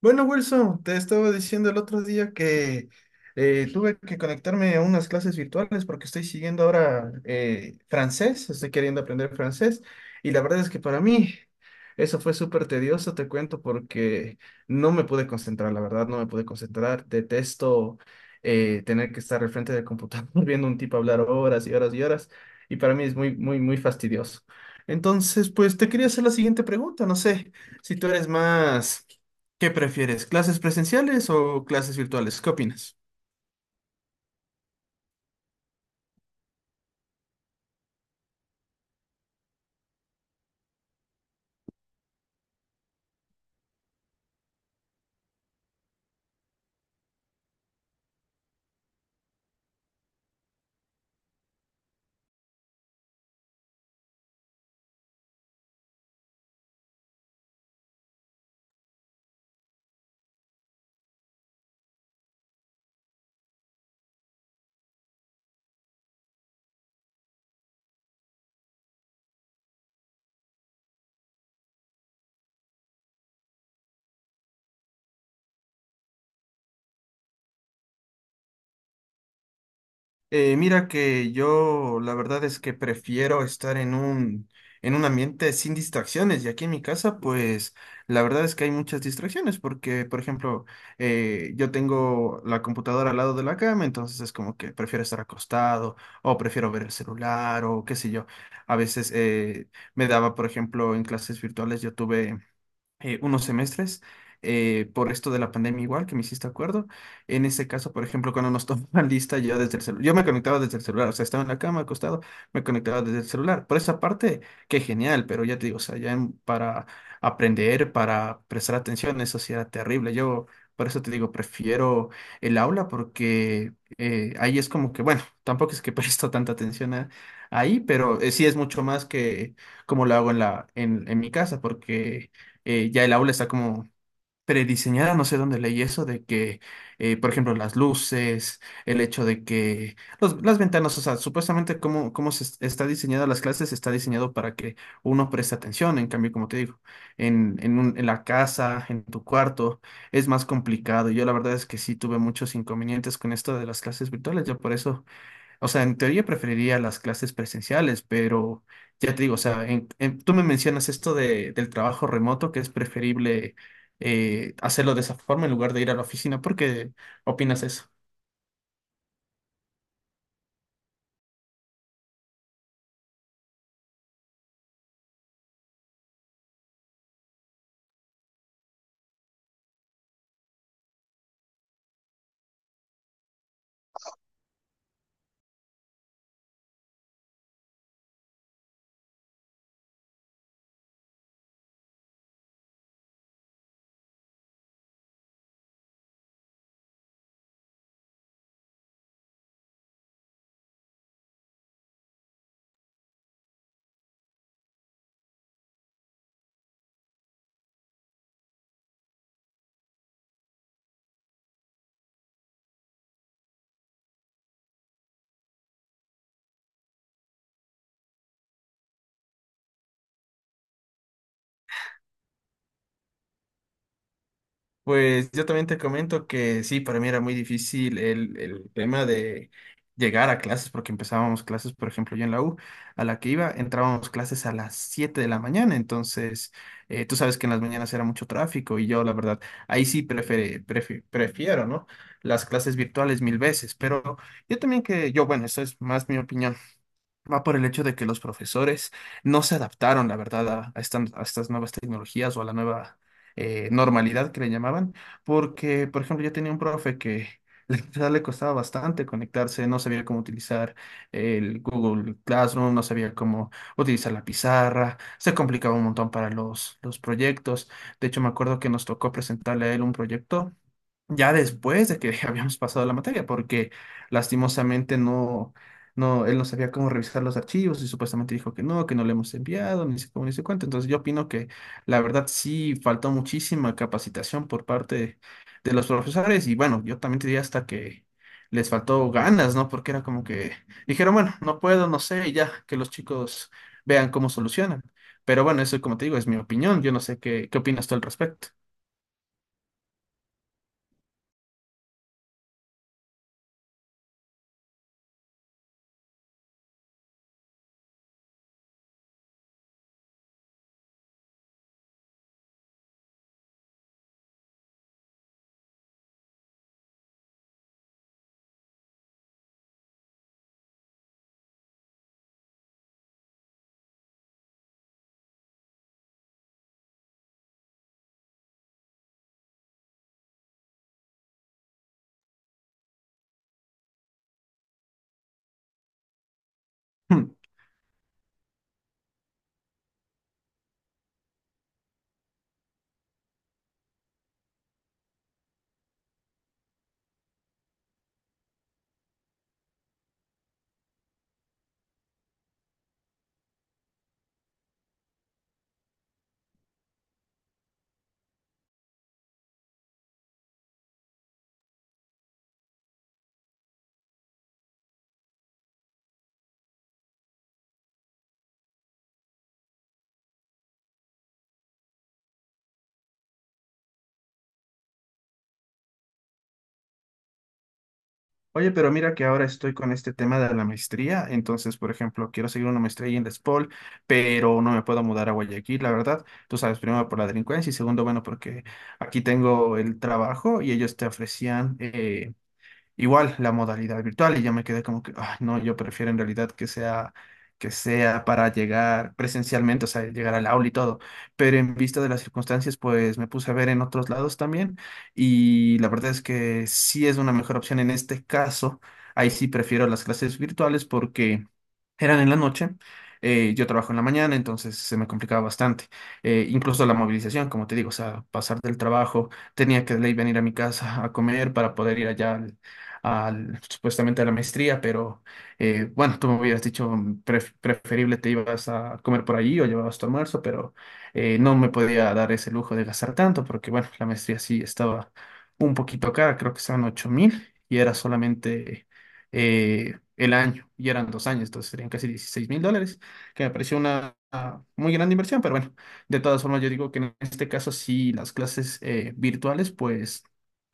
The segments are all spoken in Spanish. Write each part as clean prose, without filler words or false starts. Bueno, Wilson, te estaba diciendo el otro día que tuve que conectarme a unas clases virtuales porque estoy siguiendo ahora francés, estoy queriendo aprender francés y la verdad es que para mí eso fue súper tedioso, te cuento, porque no me pude concentrar, la verdad, no me pude concentrar. Detesto tener que estar al frente del computador viendo a un tipo hablar horas y horas y horas y para mí es muy, muy, muy fastidioso. Entonces, pues te quería hacer la siguiente pregunta, no sé si tú eres más... ¿Qué prefieres? ¿Clases presenciales o clases virtuales? ¿Qué opinas? Mira que yo la verdad es que prefiero estar en un ambiente sin distracciones, y aquí en mi casa pues la verdad es que hay muchas distracciones porque, por ejemplo, yo tengo la computadora al lado de la cama, entonces es como que prefiero estar acostado o prefiero ver el celular o qué sé yo. A veces me daba, por ejemplo, en clases virtuales yo tuve unos semestres por esto de la pandemia, igual, que me hiciste acuerdo. En ese caso, por ejemplo, cuando nos tomaban lista, yo desde el celular, yo me conectaba desde el celular, o sea, estaba en la cama acostado, me conectaba desde el celular. Por esa parte, qué genial, pero ya te digo, o sea, ya para aprender, para prestar atención, eso sí era terrible. Yo, por eso te digo, prefiero el aula porque ahí es como que, bueno, tampoco es que presto tanta atención ahí, pero sí es mucho más que como lo hago en la, en mi casa, porque ya el aula está como prediseñada, no sé dónde leí eso, de que por ejemplo, las luces, el hecho de que las ventanas, o sea, supuestamente cómo está diseñada las clases, está diseñado para que uno preste atención. En cambio, como te digo, en la casa, en tu cuarto, es más complicado. Yo la verdad es que sí tuve muchos inconvenientes con esto de las clases virtuales, yo por eso, o sea, en teoría preferiría las clases presenciales, pero ya te digo, o sea, tú me mencionas esto de, del trabajo remoto, que es preferible hacerlo de esa forma en lugar de ir a la oficina. ¿Por qué opinas eso? Pues yo también te comento que sí, para mí era muy difícil el tema de llegar a clases, porque empezábamos clases, por ejemplo, yo en la U, a la que iba, entrábamos clases a las 7 de la mañana, entonces tú sabes que en las mañanas era mucho tráfico, y yo, la verdad, ahí sí prefiero, ¿no? Las clases virtuales mil veces, pero yo también que, yo, bueno, eso es más mi opinión, va por el hecho de que los profesores no se adaptaron, la verdad, a estas nuevas tecnologías o a la nueva normalidad que le llamaban, porque, por ejemplo, yo tenía un profe que la verdad le costaba bastante conectarse, no sabía cómo utilizar el Google Classroom, no sabía cómo utilizar la pizarra, se complicaba un montón para los proyectos. De hecho, me acuerdo que nos tocó presentarle a él un proyecto ya después de que habíamos pasado la materia, porque lastimosamente no, él no sabía cómo revisar los archivos y supuestamente dijo que no le hemos enviado, ni sé cómo, ni sé cuánto. Entonces yo opino que la verdad sí faltó muchísima capacitación por parte de los profesores, y bueno, yo también te diría hasta que les faltó ganas, ¿no? Porque era como que dijeron, bueno, no puedo, no sé, y ya, que los chicos vean cómo solucionan. Pero bueno, eso, como te digo, es mi opinión. Yo no sé qué, qué opinas tú al respecto. Oye, pero mira que ahora estoy con este tema de la maestría, entonces, por ejemplo, quiero seguir una maestría ahí en La Espol, pero no me puedo mudar a Guayaquil, la verdad. Tú sabes, primero por la delincuencia y segundo, bueno, porque aquí tengo el trabajo, y ellos te ofrecían igual la modalidad virtual, y yo me quedé como que, "Ay, no, yo prefiero en realidad que sea, para llegar presencialmente, o sea, llegar al aula y todo". Pero en vista de las circunstancias, pues me puse a ver en otros lados también, y la verdad es que sí es una mejor opción en este caso. Ahí sí prefiero las clases virtuales porque eran en la noche. Yo trabajo en la mañana, entonces se me complicaba bastante. Incluso la movilización, como te digo, o sea, pasar del trabajo, tenía que de ley venir a mi casa a comer para poder ir allá supuestamente a la maestría, pero bueno, tú me habías dicho preferible te ibas a comer por allí o llevabas tu almuerzo, pero no me podía dar ese lujo de gastar tanto porque, bueno, la maestría sí estaba un poquito cara, creo que estaban 8.000 y era solamente el año y eran 2 años, entonces serían casi 16.000 dólares, que me pareció una muy grande inversión, pero bueno, de todas formas yo digo que en este caso sí las clases virtuales pues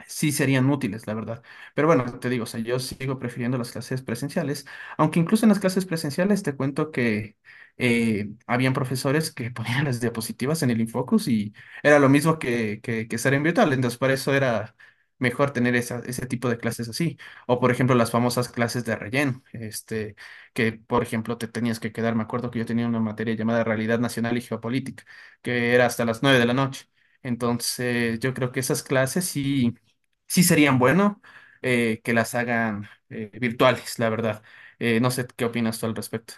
sí serían útiles, la verdad. Pero bueno, te digo, o sea, yo sigo prefiriendo las clases presenciales, aunque incluso en las clases presenciales te cuento que habían profesores que ponían las diapositivas en el Infocus y era lo mismo que estar en virtual, entonces para eso era mejor tener ese tipo de clases así. O, por ejemplo, las famosas clases de relleno, este, que, por ejemplo, te tenías que quedar, me acuerdo que yo tenía una materia llamada Realidad Nacional y Geopolítica, que era hasta las 9 de la noche. Entonces, yo creo que esas clases sí, sí serían bueno que las hagan virtuales, la verdad. No sé qué opinas tú al respecto.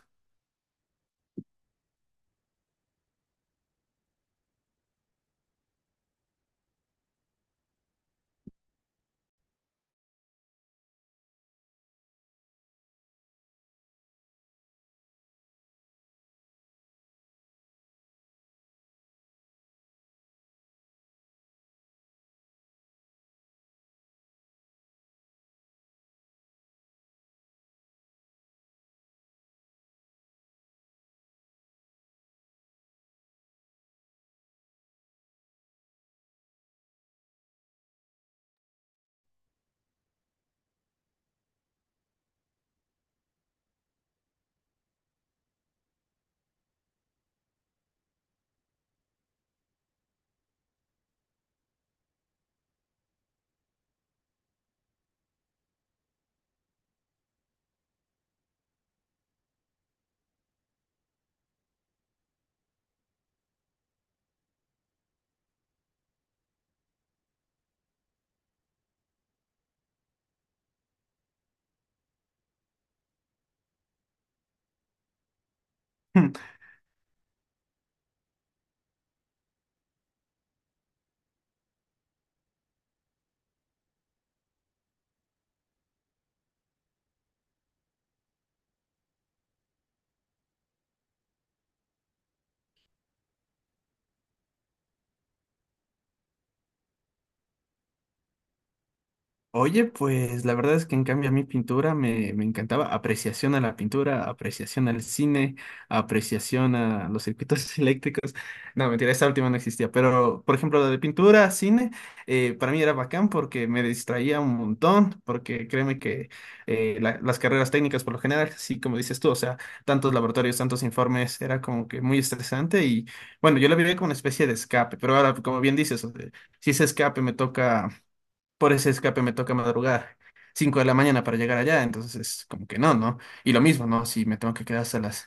Oye, pues la verdad es que en cambio a mí pintura me encantaba. Apreciación a la pintura, apreciación al cine, apreciación a los circuitos eléctricos. No, mentira, esa última no existía. Pero, por ejemplo, lo de pintura, cine, para mí era bacán porque me distraía un montón, porque créeme que las carreras técnicas por lo general, sí, como dices tú, o sea, tantos laboratorios, tantos informes, era como que muy estresante, y bueno, yo la vivía como una especie de escape, pero ahora, como bien dices, o sea, si ese escape me toca, por ese escape me toca madrugar 5 de la mañana para llegar allá, entonces es como que no, ¿no? Y lo mismo, ¿no? Si me tengo que quedar hasta las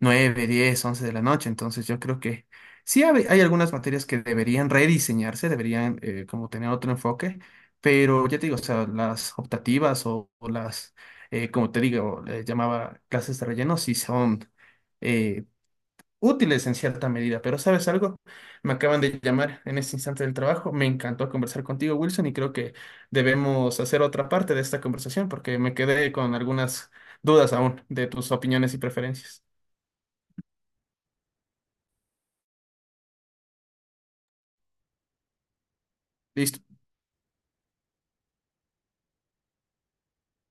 9, 10, 11 de la noche, entonces yo creo que sí hay algunas materias que deberían rediseñarse, deberían como tener otro enfoque, pero ya te digo, o sea, las optativas o las, como te digo, le llamaba clases de relleno, sí son... eh, útiles en cierta medida, pero ¿sabes algo? Me acaban de llamar en este instante del trabajo. Me encantó conversar contigo, Wilson, y creo que debemos hacer otra parte de esta conversación porque me quedé con algunas dudas aún de tus opiniones y preferencias. Listo.